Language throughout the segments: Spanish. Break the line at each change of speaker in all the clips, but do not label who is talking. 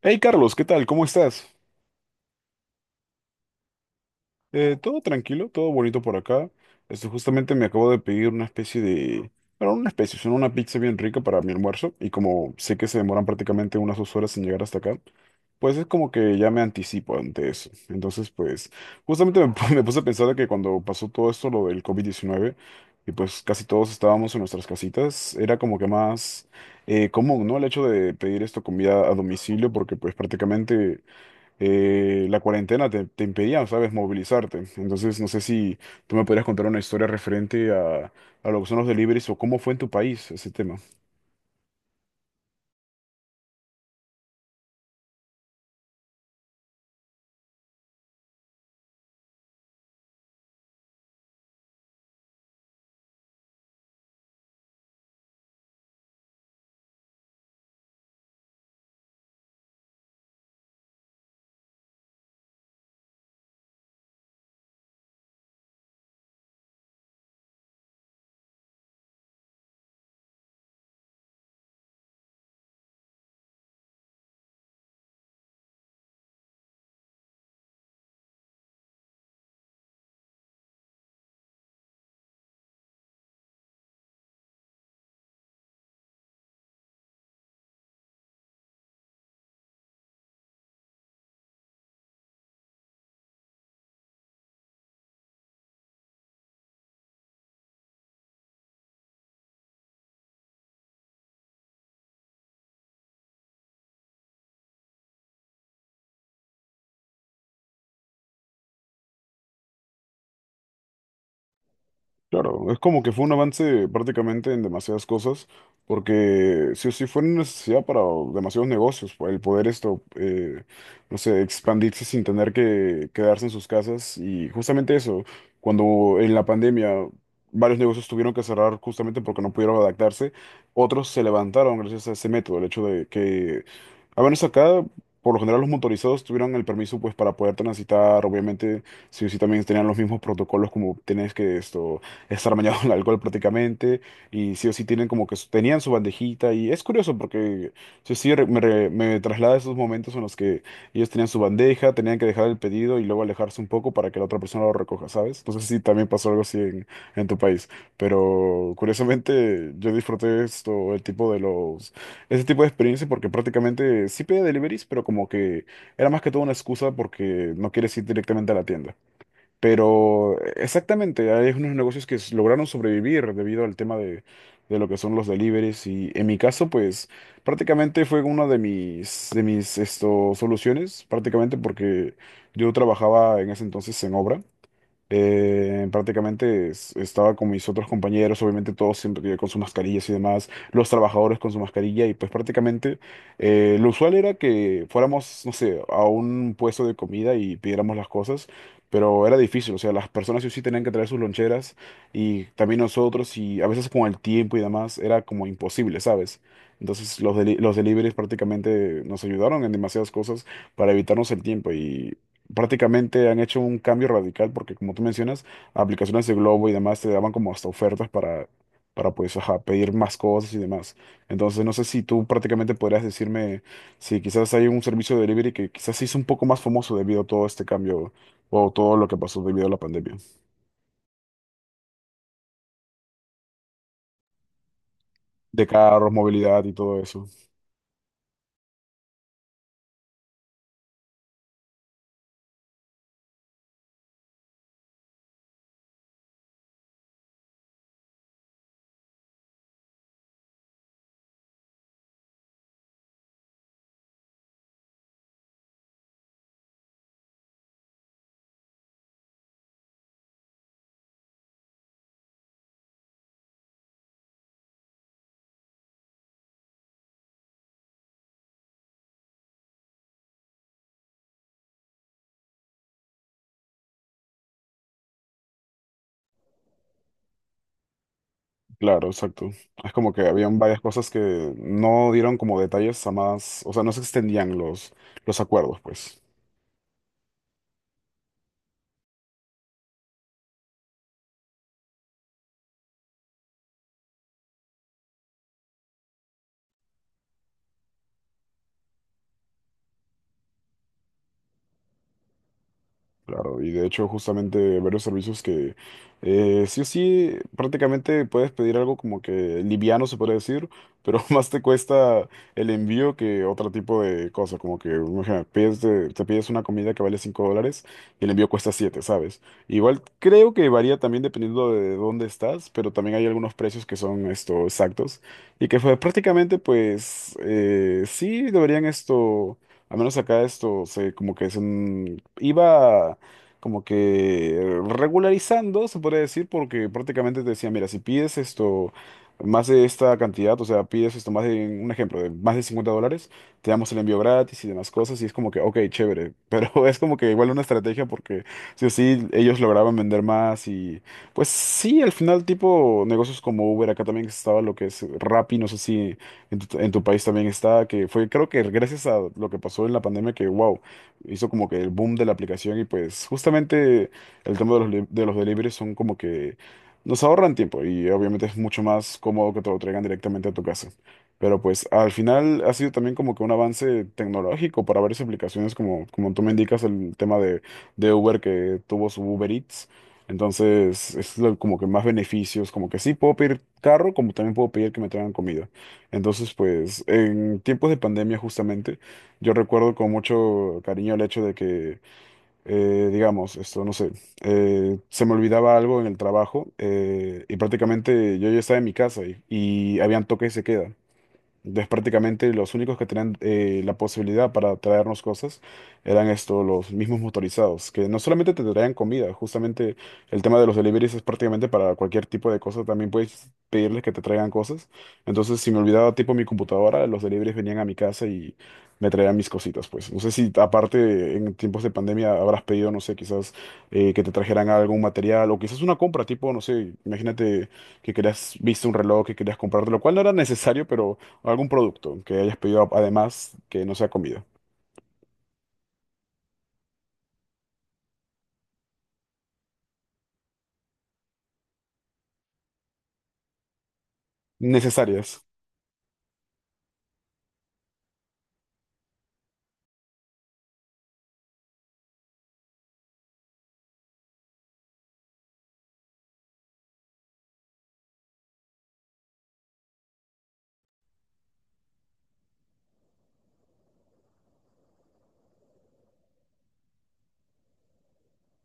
Hey Carlos, ¿qué tal? ¿Cómo estás? Todo tranquilo, todo bonito por acá. Esto justamente me acabo de pedir una especie de... Bueno, una especie, sino una pizza bien rica para mi almuerzo. Y como sé que se demoran prácticamente unas 2 horas en llegar hasta acá, pues es como que ya me anticipo ante eso. Entonces, pues, justamente me puse a pensar de que cuando pasó todo esto, lo del COVID-19 y pues casi todos estábamos en nuestras casitas, era como que más común, ¿no? El hecho de pedir esto comida a domicilio, porque pues prácticamente la cuarentena te impedía, ¿sabes?, movilizarte. Entonces, no sé si tú me podrías contar una historia referente a lo que son los deliveries o cómo fue en tu país ese tema. Claro, es como que fue un avance prácticamente en demasiadas cosas, porque sí o sí fue una necesidad para demasiados negocios, el poder esto, no sé, expandirse sin tener que quedarse en sus casas. Y justamente eso, cuando en la pandemia varios negocios tuvieron que cerrar justamente porque no pudieron adaptarse, otros se levantaron gracias a ese método, el hecho de que, a menos acá, por lo general los motorizados tuvieron el permiso pues para poder transitar, obviamente, sí o sí también tenían los mismos protocolos como tenés que esto estar bañado en alcohol prácticamente, y sí o sí tienen como que tenían su bandejita, y es curioso porque sí o sí me traslada a esos momentos en los que ellos tenían su bandeja, tenían que dejar el pedido y luego alejarse un poco para que la otra persona lo recoja, ¿sabes? No sé si también pasó algo así en tu país, pero curiosamente yo disfruté esto, el tipo de los, ese tipo de experiencia porque prácticamente sí pedía deliveries, pero como que era más que todo una excusa porque no quieres ir directamente a la tienda. Pero exactamente, hay unos negocios que lograron sobrevivir debido al tema de lo que son los deliveries y en mi caso pues prácticamente fue una de mis esto, soluciones, prácticamente porque yo trabajaba en ese entonces en obra. Prácticamente estaba con mis otros compañeros, obviamente todos siempre con sus mascarillas y demás, los trabajadores con su mascarilla y pues prácticamente lo usual era que fuéramos, no sé, a un puesto de comida y pidiéramos las cosas, pero era difícil, o sea, las personas sí o sí tenían que traer sus loncheras y también nosotros y a veces con el tiempo y demás era como imposible, ¿sabes? Entonces los deliveries prácticamente nos ayudaron en demasiadas cosas para evitarnos el tiempo, prácticamente han hecho un cambio radical porque como tú mencionas, aplicaciones de Globo y demás te daban como hasta ofertas para pues ajá, pedir más cosas y demás. Entonces no sé si tú prácticamente podrías decirme si quizás hay un servicio de delivery que quizás se hizo un poco más famoso debido a todo este cambio o todo lo que pasó debido a la pandemia. De carros, movilidad y todo eso. Claro, exacto. Es como que habían varias cosas que no dieron como detalles a más, o sea, no se extendían los acuerdos, pues. Claro, y de hecho justamente varios servicios que sí o sí prácticamente puedes pedir algo como que liviano se puede decir, pero más te cuesta el envío que otro tipo de cosa, como que imagina, te pides una comida que vale $5 y el envío cuesta siete, ¿sabes? Igual creo que varía también dependiendo de dónde estás, pero también hay algunos precios que son esto exactos y que fue prácticamente pues sí deberían esto... Al menos acá esto se como que es un iba como que regularizando, se podría decir, porque prácticamente te decía, mira, si pides esto, más de esta cantidad, o sea, pides esto, más de, un ejemplo, de más de $50, te damos el envío gratis y demás cosas, y es como que, ok, chévere, pero es como que igual una estrategia porque sí o sí ellos lograban vender más y pues sí, al final tipo negocios como Uber, acá también estaba lo que es Rappi, no sé si en tu, en tu país también está, que fue creo que gracias a lo que pasó en la pandemia que, wow, hizo como que el boom de la aplicación y pues justamente el tema de los deliveries son como que nos ahorran tiempo y obviamente es mucho más cómodo que te lo traigan directamente a tu casa. Pero pues al final ha sido también como que un avance tecnológico para varias aplicaciones como, como tú me indicas el tema de Uber que tuvo su Uber Eats. Entonces es lo- como que más beneficios, como que sí puedo pedir carro, como también puedo pedir que me traigan comida. Entonces pues en tiempos de pandemia justamente yo recuerdo con mucho cariño el hecho de que, digamos, esto, no sé, se me olvidaba algo en el trabajo y prácticamente yo ya estaba en mi casa y habían toque y se queda. Entonces, prácticamente los únicos que tenían la posibilidad para traernos cosas eran estos, los mismos motorizados, que no solamente te traían comida, justamente el tema de los deliveries es prácticamente para cualquier tipo de cosa, también puedes pedirles que te traigan cosas. Entonces, si me olvidaba tipo mi computadora, los deliveries venían a mi casa y me traían mis cositas, pues. No sé si aparte en tiempos de pandemia habrás pedido, no sé, quizás que te trajeran algún material o quizás una compra, tipo, no sé, imagínate que querías, viste un reloj que querías comprarte, lo cual no era necesario, pero o algún producto que hayas pedido además que no sea comida. Necesarias.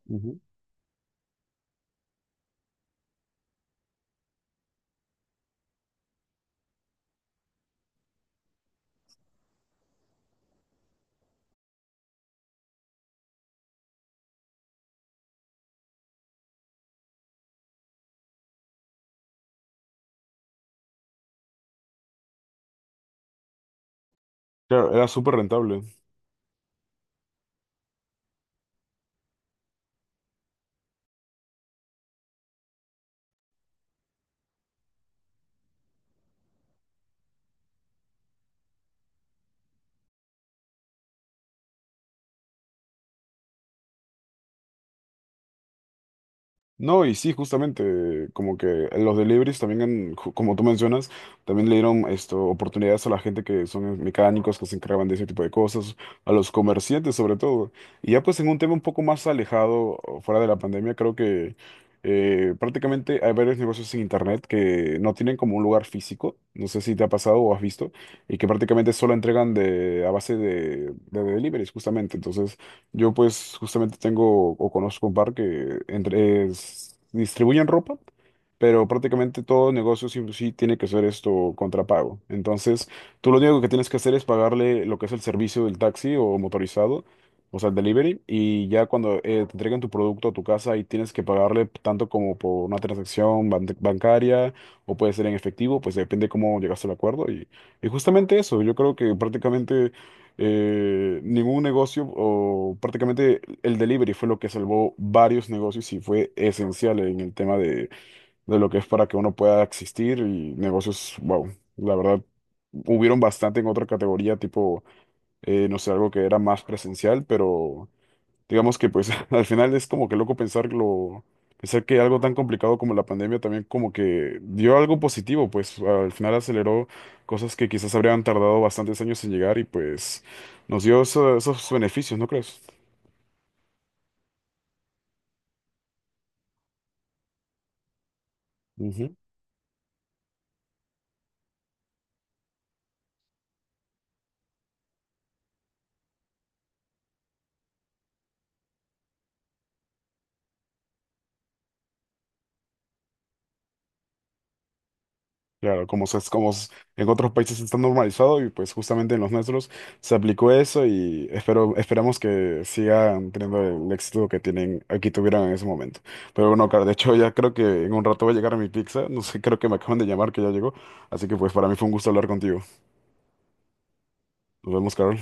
Ujú. Claro, era súper rentable. No, y sí, justamente, como que los deliveries también, han, como tú mencionas, también le dieron esto, oportunidades a la gente que son mecánicos, que se encargaban de ese tipo de cosas, a los comerciantes sobre todo. Y ya pues en un tema un poco más alejado, o fuera de la pandemia, creo que prácticamente hay varios negocios en internet que no tienen como un lugar físico, no sé si te ha pasado o has visto, y que prácticamente solo entregan a base de deliveries, justamente. Entonces... Yo pues justamente tengo o conozco un par que entre distribuyen ropa, pero prácticamente todo negocio sí, sí tiene que ser esto contrapago. Entonces, tú lo único que tienes que hacer es pagarle lo que es el servicio del taxi o motorizado, o sea, el delivery, y ya cuando te entreguen tu producto a tu casa y tienes que pagarle tanto como por una transacción bancaria o puede ser en efectivo, pues depende cómo llegaste al acuerdo. Y justamente eso, yo creo que prácticamente... ningún negocio o prácticamente el delivery fue lo que salvó varios negocios y fue esencial en el tema de lo que es para que uno pueda existir y negocios, wow, la verdad, hubieron bastante en otra categoría, tipo, no sé, algo que era más presencial, pero digamos que pues al final es como que loco pensarlo, pensar que algo tan complicado como la pandemia también como que dio algo positivo, pues al final aceleró cosas que quizás habrían tardado bastantes años en llegar y pues nos dio esos beneficios, ¿no crees? Ujú. Claro, como, en otros países está normalizado y pues justamente en los nuestros se aplicó eso y espero, esperamos que sigan teniendo el éxito que tienen, aquí tuvieron en ese momento. Pero bueno, claro, de hecho ya creo que en un rato va a llegar mi pizza, no sé, creo que me acaban de llamar que ya llegó, así que pues para mí fue un gusto hablar contigo. Nos vemos, Carol.